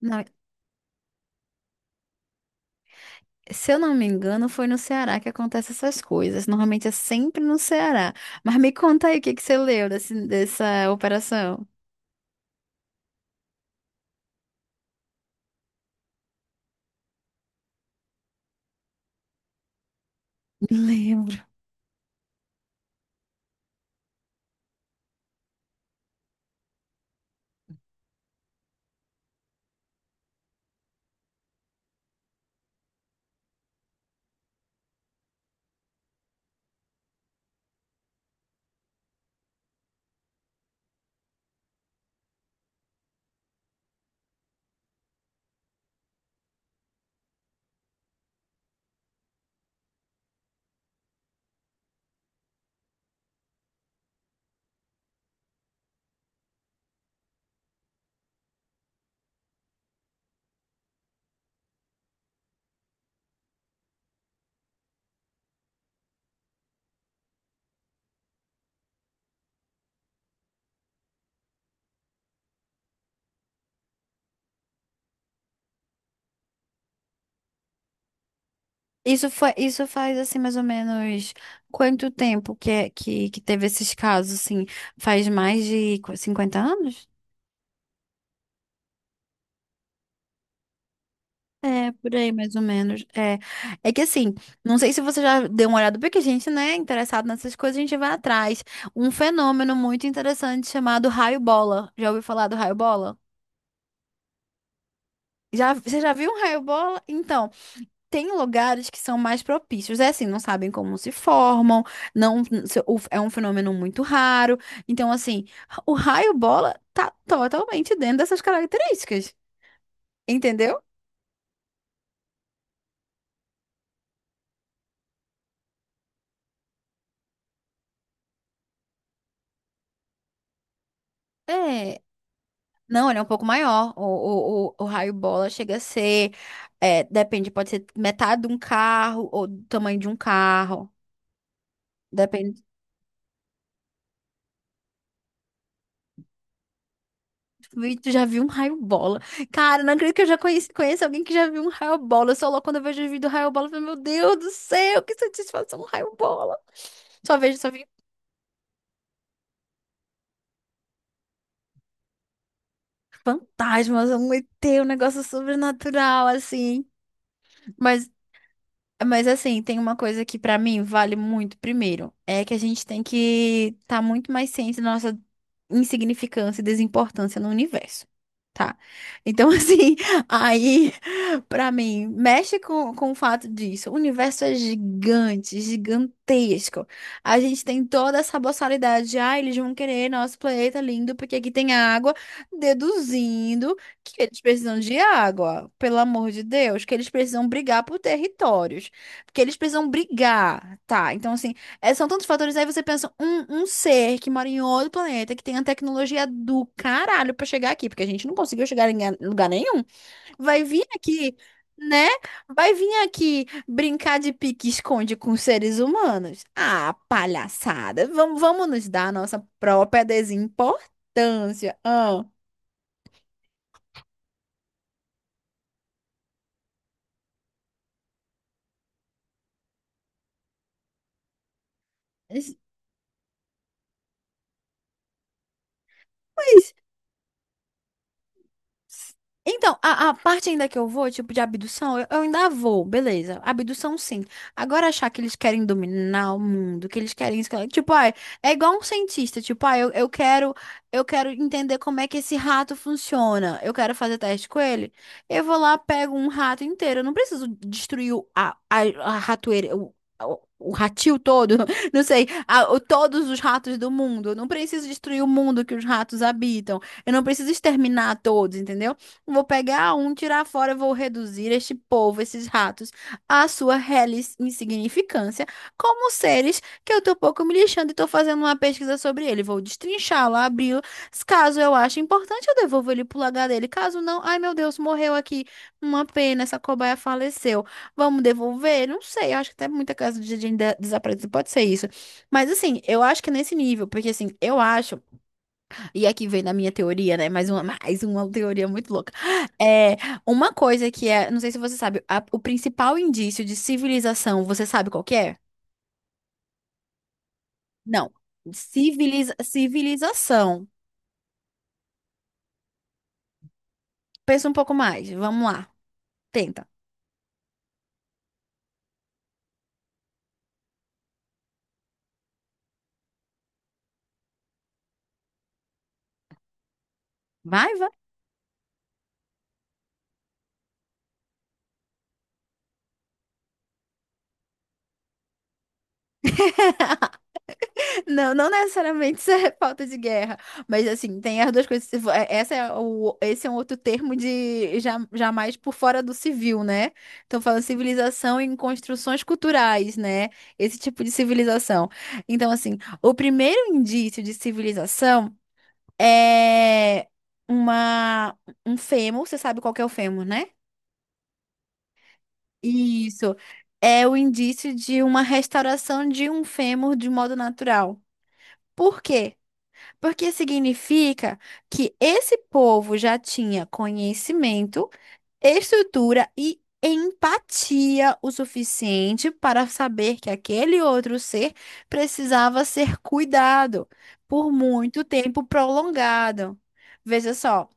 Não, se eu não me engano, foi no Ceará que acontecem essas coisas. Normalmente é sempre no Ceará. Mas me conta aí o que que você leu dessa operação. Lembro. Isso faz assim mais ou menos quanto tempo que teve esses casos, assim? Faz mais de 50 anos? É, por aí, mais ou menos. É que assim, não sei se você já deu uma olhada, porque a gente, né, interessado nessas coisas, a gente vai atrás. Um fenômeno muito interessante chamado raio-bola. Já ouviu falar do raio-bola? Já, você já viu um raio-bola? Então, tem lugares que são mais propícios. É assim, não sabem como se formam, é um fenômeno muito raro. Então, assim, o raio-bola tá totalmente dentro dessas características, entendeu? É. Não, ele é um pouco maior. O raio-bola chega a ser, depende, pode ser metade de um carro ou do tamanho de um carro. Depende. Tu já viu um raio bola? Cara, não acredito que eu já conheço alguém que já viu um raio bola. Eu sou louca quando eu vejo o vídeo do raio bola. Eu falo, meu Deus do céu, que satisfação, um raio bola. Só vi fantasmas, um ET, um negócio sobrenatural, assim. Mas Mas assim, tem uma coisa que pra mim vale muito. Primeiro, é que a gente tem que estar tá muito mais ciente da nossa insignificância e desimportância no universo. Tá. Então, assim, aí, pra mim, mexe com o fato disso. O universo é gigante, gigantesco. A gente tem toda essa boçalidade de, ah, eles vão querer nosso planeta lindo porque aqui tem água, deduzindo que eles precisam de água, pelo amor de Deus, que eles precisam brigar por territórios. Porque eles precisam brigar, tá? Então, assim, é- são tantos fatores. Aí você pensa, um ser que mora em outro planeta, que tem a tecnologia do caralho pra chegar aqui, porque a gente não conseguiu chegar em lugar nenhum, vai vir aqui, né? Vai vir aqui brincar de pique-esconde com seres humanos. Ah, palhaçada. Vamos nos dar a nossa própria desimportância. Ah. Mas então, a parte ainda que eu vou, tipo, de abdução, eu ainda vou, beleza. Abdução, sim. Agora, achar que eles querem dominar o mundo, que eles querem... Tipo, ah, é igual um cientista. Tipo, ah, eu quero entender como é que esse rato funciona. Eu quero fazer teste com ele. Eu vou lá, pego um rato inteiro. Eu não preciso destruir a ratoeira... O ratil todo, não sei, todos os ratos do mundo. Eu não preciso destruir o mundo que os ratos habitam. Eu não preciso exterminar todos, entendeu? Eu vou pegar um, tirar fora, eu vou reduzir este povo, esses ratos, à sua reles insignificância, como seres que eu tô pouco me lixando e tô fazendo uma pesquisa sobre ele. Vou destrinchá-lo, abri-lo. Caso eu ache importante, eu devolvo ele pro lugar dele. Caso não, ai meu Deus, morreu aqui. Uma pena, essa cobaia faleceu. Vamos devolver? Não sei, eu acho que até muita casa de desaparecido pode ser isso. Mas assim, eu acho que é nesse nível, porque assim, eu acho e aqui vem na minha teoria, né? Mais uma, mais uma teoria muito louca. É uma coisa que é, não sei se você sabe, o principal indício de civilização, você sabe qual que é? Não. Civilização. Pensa um pouco mais. Vamos lá. Tenta. Vai, vai. Não, não necessariamente isso é falta de guerra, mas assim, tem as duas coisas. Se vo- é- Esse é um outro termo de jamais por fora do civil, né? Então, falando civilização em construções culturais, né? Esse tipo de civilização. Então, assim, o primeiro indício de civilização é uma, um fêmur, você sabe qual que é o fêmur, né? Isso. É o indício de uma restauração de um fêmur de modo natural. Por quê? Porque significa que esse povo já tinha conhecimento, estrutura e empatia o suficiente para saber que aquele outro ser precisava ser cuidado por muito tempo prolongado. Veja só,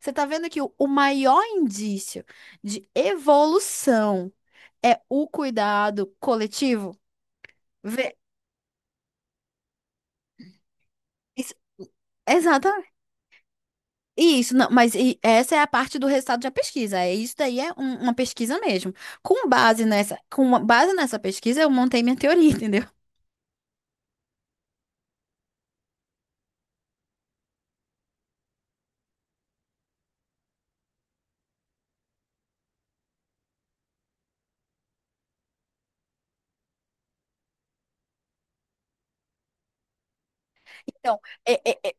você está vendo que o maior indício de evolução é o cuidado coletivo? Ve- isso- Exatamente. Isso, não, mas essa é a parte do resultado da pesquisa. É isso daí é uma pesquisa mesmo. Com base nessa pesquisa, eu montei minha teoria, entendeu? Então, é, é, é,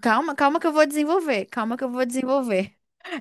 calma, calma que eu vou desenvolver, calma que eu vou desenvolver.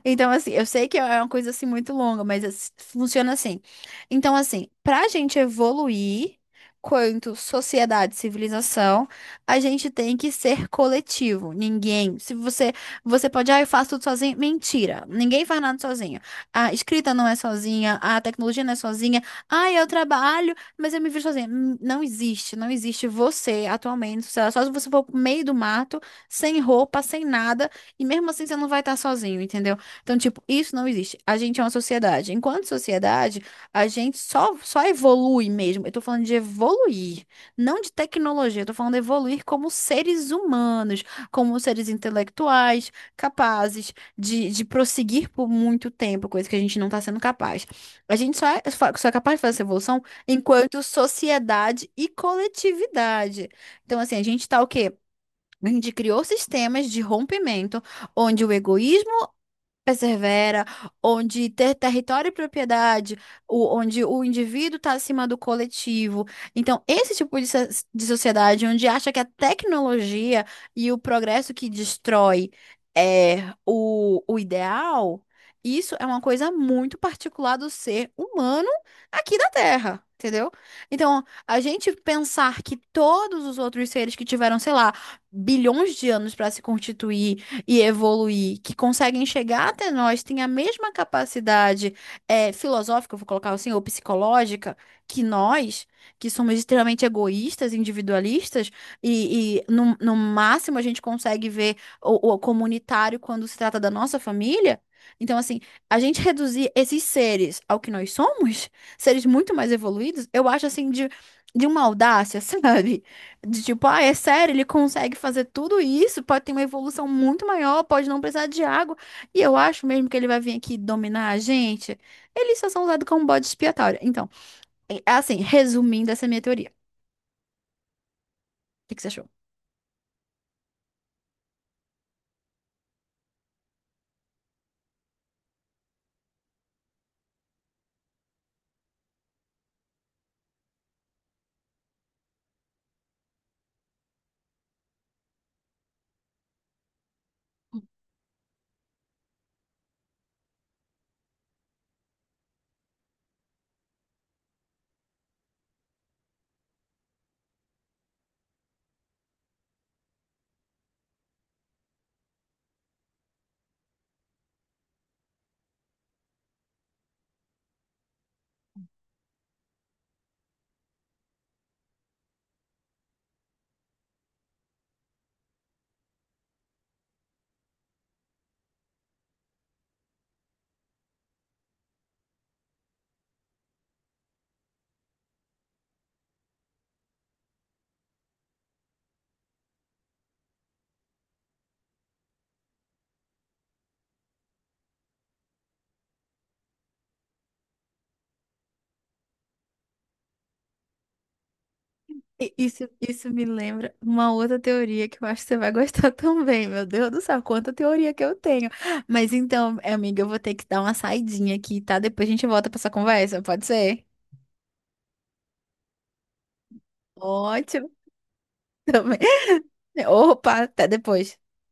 Então, assim, eu sei que é uma coisa assim muito longa, mas funciona assim. Então, assim, pra gente evoluir quanto sociedade, civilização, a gente tem que ser coletivo. Ninguém, se você, você pode, ah, eu faço tudo sozinho. Mentira, ninguém faz nada sozinho. A escrita não é sozinha, a tecnologia não é sozinha. Ah, eu trabalho, mas eu me vejo sozinha. Não existe você atualmente, sei lá, só se você for pro meio do mato sem roupa, sem nada, e mesmo assim você não vai estar sozinho, entendeu? Então, tipo, isso não existe. A gente é uma sociedade. Enquanto sociedade, a gente só evolui mesmo. Eu tô falando de evoluir, não de tecnologia, eu tô falando de evoluir como seres humanos, como seres intelectuais, capazes de prosseguir por muito tempo, coisa que a gente não está sendo capaz. A gente só é capaz de fazer essa evolução enquanto sociedade e coletividade. Então, assim, a gente tá o quê? A gente criou sistemas de rompimento onde o egoísmo persevera, onde ter território e propriedade, onde o indivíduo está acima do coletivo. Então, esse tipo de sociedade onde acha que a tecnologia e o progresso que destrói é o ideal, isso é uma coisa muito particular do ser humano aqui da Terra. Entendeu? Então, a gente pensar que todos os outros seres que tiveram, sei lá, bilhões de anos para se constituir e evoluir, que conseguem chegar até nós, têm a mesma capacidade filosófica, eu vou colocar assim, ou psicológica, que nós, que somos extremamente egoístas, individualistas, e no, máximo a gente consegue ver o comunitário quando se trata da nossa família. Então, assim, a gente reduzir esses seres ao que nós somos, seres muito mais evoluídos, eu acho assim de uma audácia, sabe? De tipo, ah, é sério, ele consegue fazer tudo isso, pode ter uma evolução muito maior, pode não precisar de água. E eu acho mesmo que ele vai vir aqui dominar a gente. Eles só são usados como bode expiatório. Então, é assim, resumindo essa minha teoria, o que que você achou? E isso me lembra uma outra teoria que eu acho que você vai gostar também, meu Deus do céu, quanta teoria que eu tenho. Mas então, amiga, eu vou ter que dar uma saidinha aqui, tá? Depois a gente volta pra essa conversa, pode ser? Ótimo, também. Opa, até depois.